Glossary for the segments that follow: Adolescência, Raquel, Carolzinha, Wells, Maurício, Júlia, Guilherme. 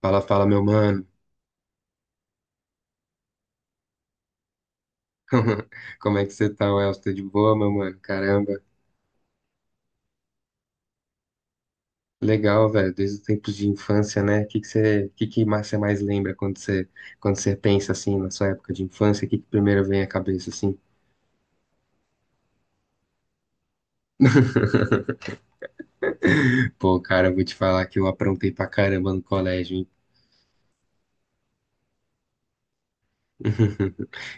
Fala, fala, meu mano. Como é que você tá, Wells? Tudo de boa, meu mano? Caramba. Legal, velho. Desde os tempos de infância, né? O que que você, que mais- você mais lembra quando você pensa assim na sua época de infância? O que que primeiro vem à cabeça assim? Pô, cara, eu vou te falar que eu aprontei pra caramba no colégio, hein?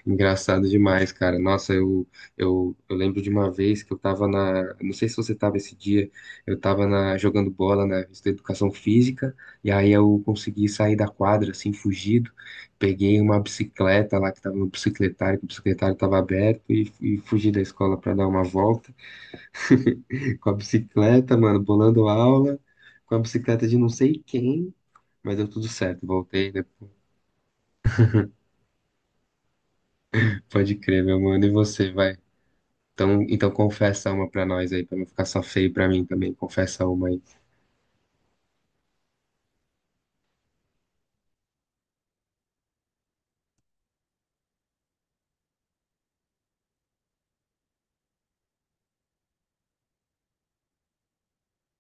Engraçado demais, cara. Nossa, eu lembro de uma vez que eu tava na. Não sei se você tava esse dia, eu tava na, jogando bola na revista Educação Física, e aí eu consegui sair da quadra, assim, fugido. Peguei uma bicicleta lá que tava no bicicletário, que o bicicletário tava aberto, e fugi da escola pra dar uma volta com a bicicleta, mano, bolando aula, com a bicicleta de não sei quem, mas deu tudo certo, voltei, né? Pode crer, meu mano. E você, vai? Então, então confessa uma pra nós aí, pra não ficar só feio pra mim também. Confessa uma aí.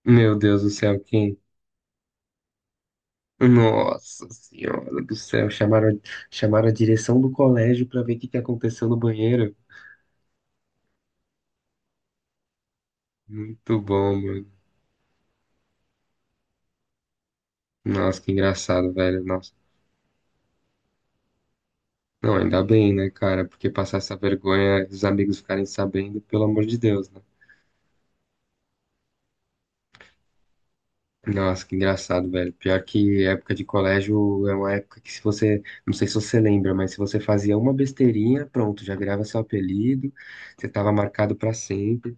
Meu Deus do céu, quem? Nossa Senhora do céu, chamaram, chamaram a direção do colégio pra ver o que que aconteceu no banheiro. Muito bom, mano. Nossa, que engraçado, velho. Nossa. Não, ainda bem, né, cara? Porque passar essa vergonha, os amigos ficarem sabendo, pelo amor de Deus, né? Nossa, que engraçado, velho. Pior que época de colégio é uma época que se você, não sei se você lembra, mas se você fazia uma besteirinha, pronto, já virava seu apelido, você tava marcado pra sempre.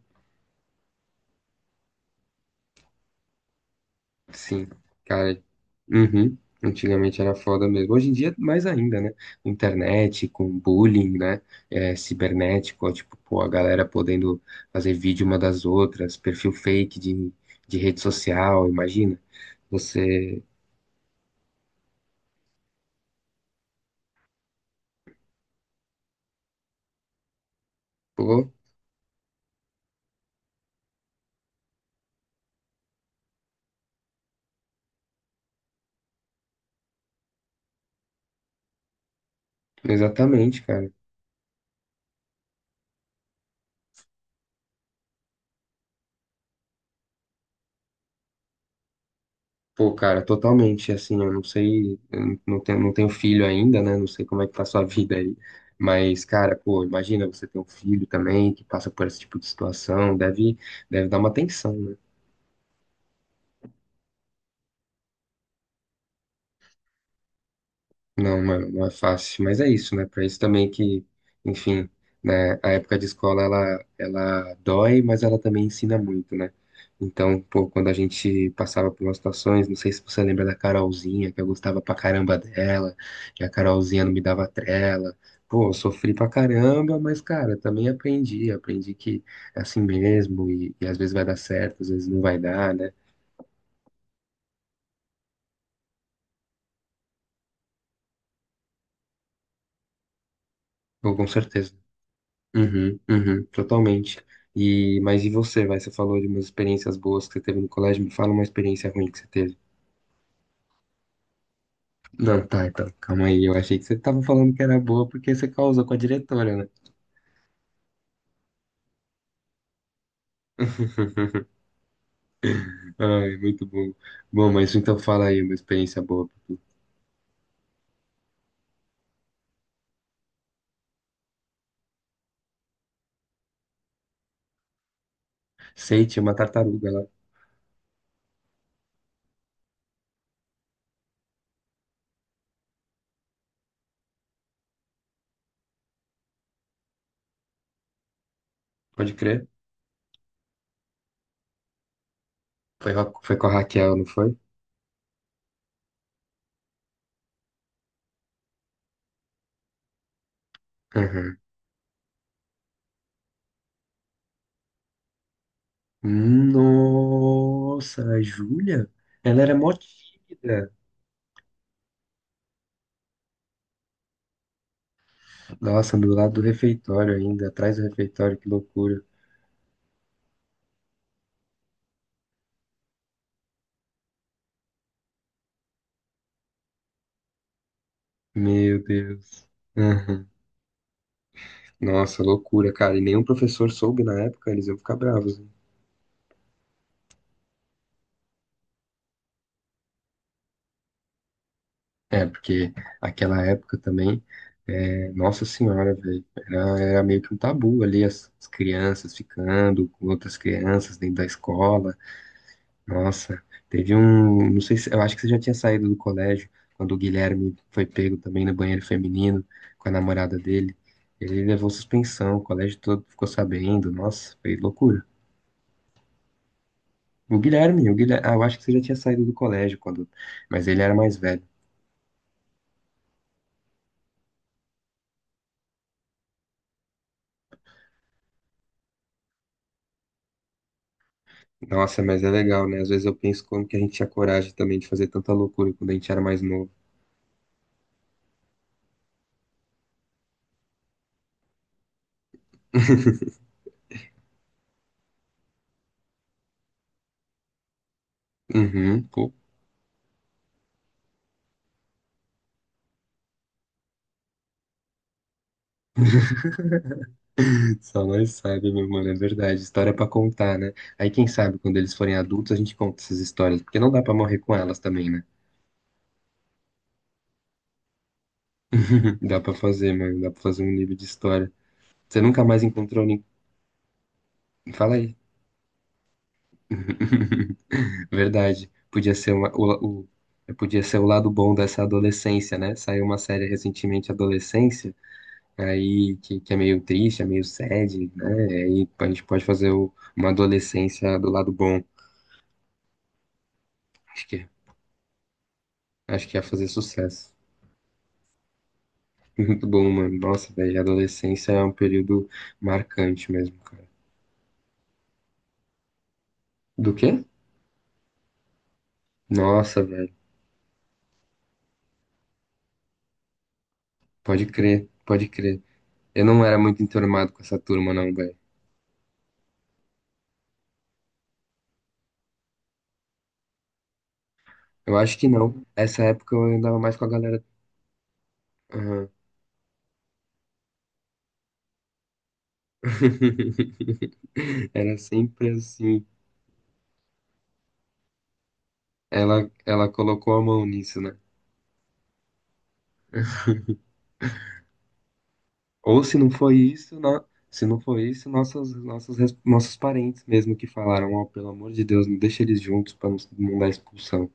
Sim, cara. Uhum. Antigamente era foda mesmo. Hoje em dia, mais ainda, né? Com Internet, com bullying, né? É, cibernético, ó, tipo, pô, a galera podendo fazer vídeo uma das outras, perfil fake de rede social, imagina. Você, pô, exatamente, cara. Pô, cara, totalmente, assim, eu não sei, eu não tenho, não tenho filho ainda, né? Não sei como é que tá a sua vida aí. Mas, cara, pô, imagina você ter um filho também que passa por esse tipo de situação, deve, deve dar uma tensão. Não, mano, não é fácil, mas é isso, né? Pra isso também que, enfim, né, a época de escola ela dói, mas ela também ensina muito, né? Então, pô, quando a gente passava por umas situações, não sei se você lembra da Carolzinha, que eu gostava pra caramba dela, e a Carolzinha não me dava trela. Pô, eu sofri pra caramba, mas, cara, também aprendi, aprendi que é assim mesmo, e às vezes vai dar certo, às vezes não vai dar, né? Pô, com certeza. Uhum, uhum, totalmente. E, mas e você, vai? Você falou de umas experiências boas que você teve no colégio, me fala uma experiência ruim que você teve. Não, tá, então, calma aí. Eu achei que você tava falando que era boa porque você causou com a diretora, né? Ai, muito bom. Bom, mas então fala aí uma experiência boa. Sei, tinha uma tartaruga lá, pode crer. Foi, ra- foi com a Raquel, não foi? Uhum. Nossa, a Júlia? Ela era mó tímida. Nossa, do lado do refeitório ainda, atrás do refeitório, que loucura. Meu Deus. Aham. Nossa, loucura, cara. E nenhum professor soube na época, eles iam ficar bravos, hein? É, porque aquela época também, é, nossa senhora, velho, era, era meio que um tabu ali, as crianças ficando com outras crianças dentro da escola. Nossa, teve um, não sei se, eu acho que você já tinha saído do colégio, quando o Guilherme foi pego também no banheiro feminino com a namorada dele. Ele levou suspensão, o colégio todo ficou sabendo. Nossa, foi loucura. O Guilherme, ah, eu acho que você já tinha saído do colégio quando, mas ele era mais velho. Nossa, mas é legal, né? Às vezes eu penso como que a gente tinha coragem também de fazer tanta loucura quando a gente era mais novo. Uhum, pô, só nós sabe, meu mano, é verdade. História pra contar, né? Aí quem sabe quando eles forem adultos a gente conta essas histórias, porque não dá pra morrer com elas também, né? Dá pra fazer, mano, dá pra fazer um livro de história. Você nunca mais encontrou ninguém. Fala aí. Verdade. Podia ser uma- o- podia ser o lado bom dessa adolescência, né? Saiu uma série recentemente, Adolescência, aí que é meio triste, é meio sad, né? E aí a gente pode fazer o- uma adolescência do lado bom. Acho que, acho que ia fazer sucesso. Muito bom, mano. Nossa, velho, a adolescência é um período marcante mesmo, cara. Do quê? Nossa, velho. Pode crer, pode crer. Eu não era muito enturmado com essa turma, não, velho. Eu acho que não. Essa época eu andava mais com a galera. Aham. Era sempre assim. Ela colocou a mão nisso, né? Ou se não foi isso, na- se não foi isso, nossos, nossos, res- nossos parentes mesmo que falaram, ó, pelo amor de Deus, não deixa eles juntos pra não, não dar expulsão.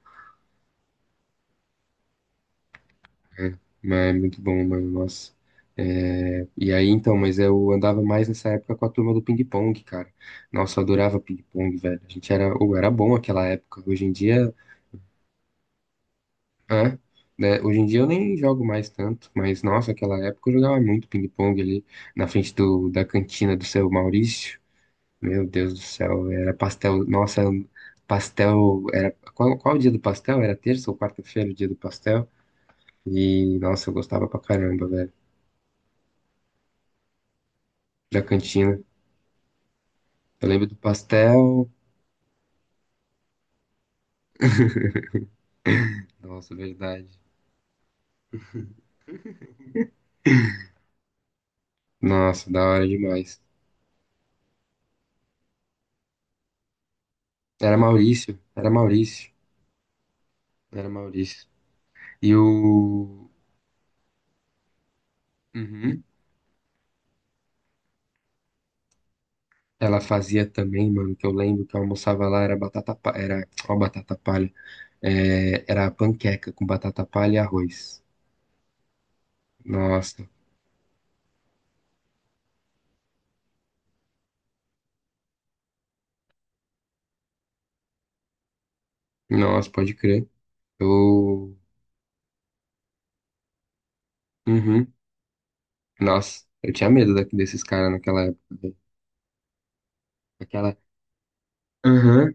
É, mas é muito bom, mano, nossa. É, e aí, então, mas eu andava mais nessa época com a turma do ping-pong, cara. Nossa, eu adorava ping-pong, velho. A gente era, ou era bom aquela época. Hoje em dia. É, né? Hoje em dia eu nem jogo mais tanto, mas nossa, aquela época eu jogava muito ping-pong ali na frente do, da cantina do seu Maurício. Meu Deus do céu, era pastel. Nossa, pastel. Era, qual, qual o dia do pastel? Era terça ou quarta-feira o dia do pastel? E nossa, eu gostava pra caramba, velho, da cantina. Eu lembro do pastel. Nossa, verdade. Nossa, da hora demais. Era Maurício, era Maurício. E o. Uhum. Ela fazia também, mano, que eu lembro que eu almoçava lá, era batata, pa- era, ó, batata palha, é, era panqueca com batata palha e arroz. Nossa, nossa, pode crer. Eu, uhum, nossa, eu tinha medo daqui desses caras naquela época, velho. Aquela, aham,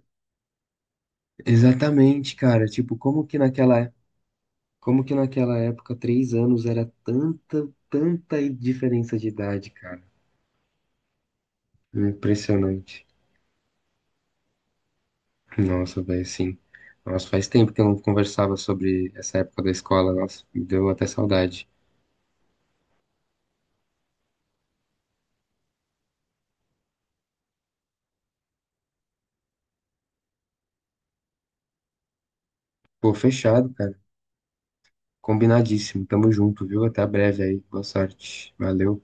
exatamente, cara, tipo, como que naquela época, 3 anos era tanta, tanta diferença de idade, cara. Impressionante. Nossa, velho, sim. Nossa, faz tempo que eu não conversava sobre essa época da escola. Nossa, me deu até saudade. Pô, fechado, cara. Combinadíssimo. Tamo junto, viu? Até breve aí. Boa sorte. Valeu.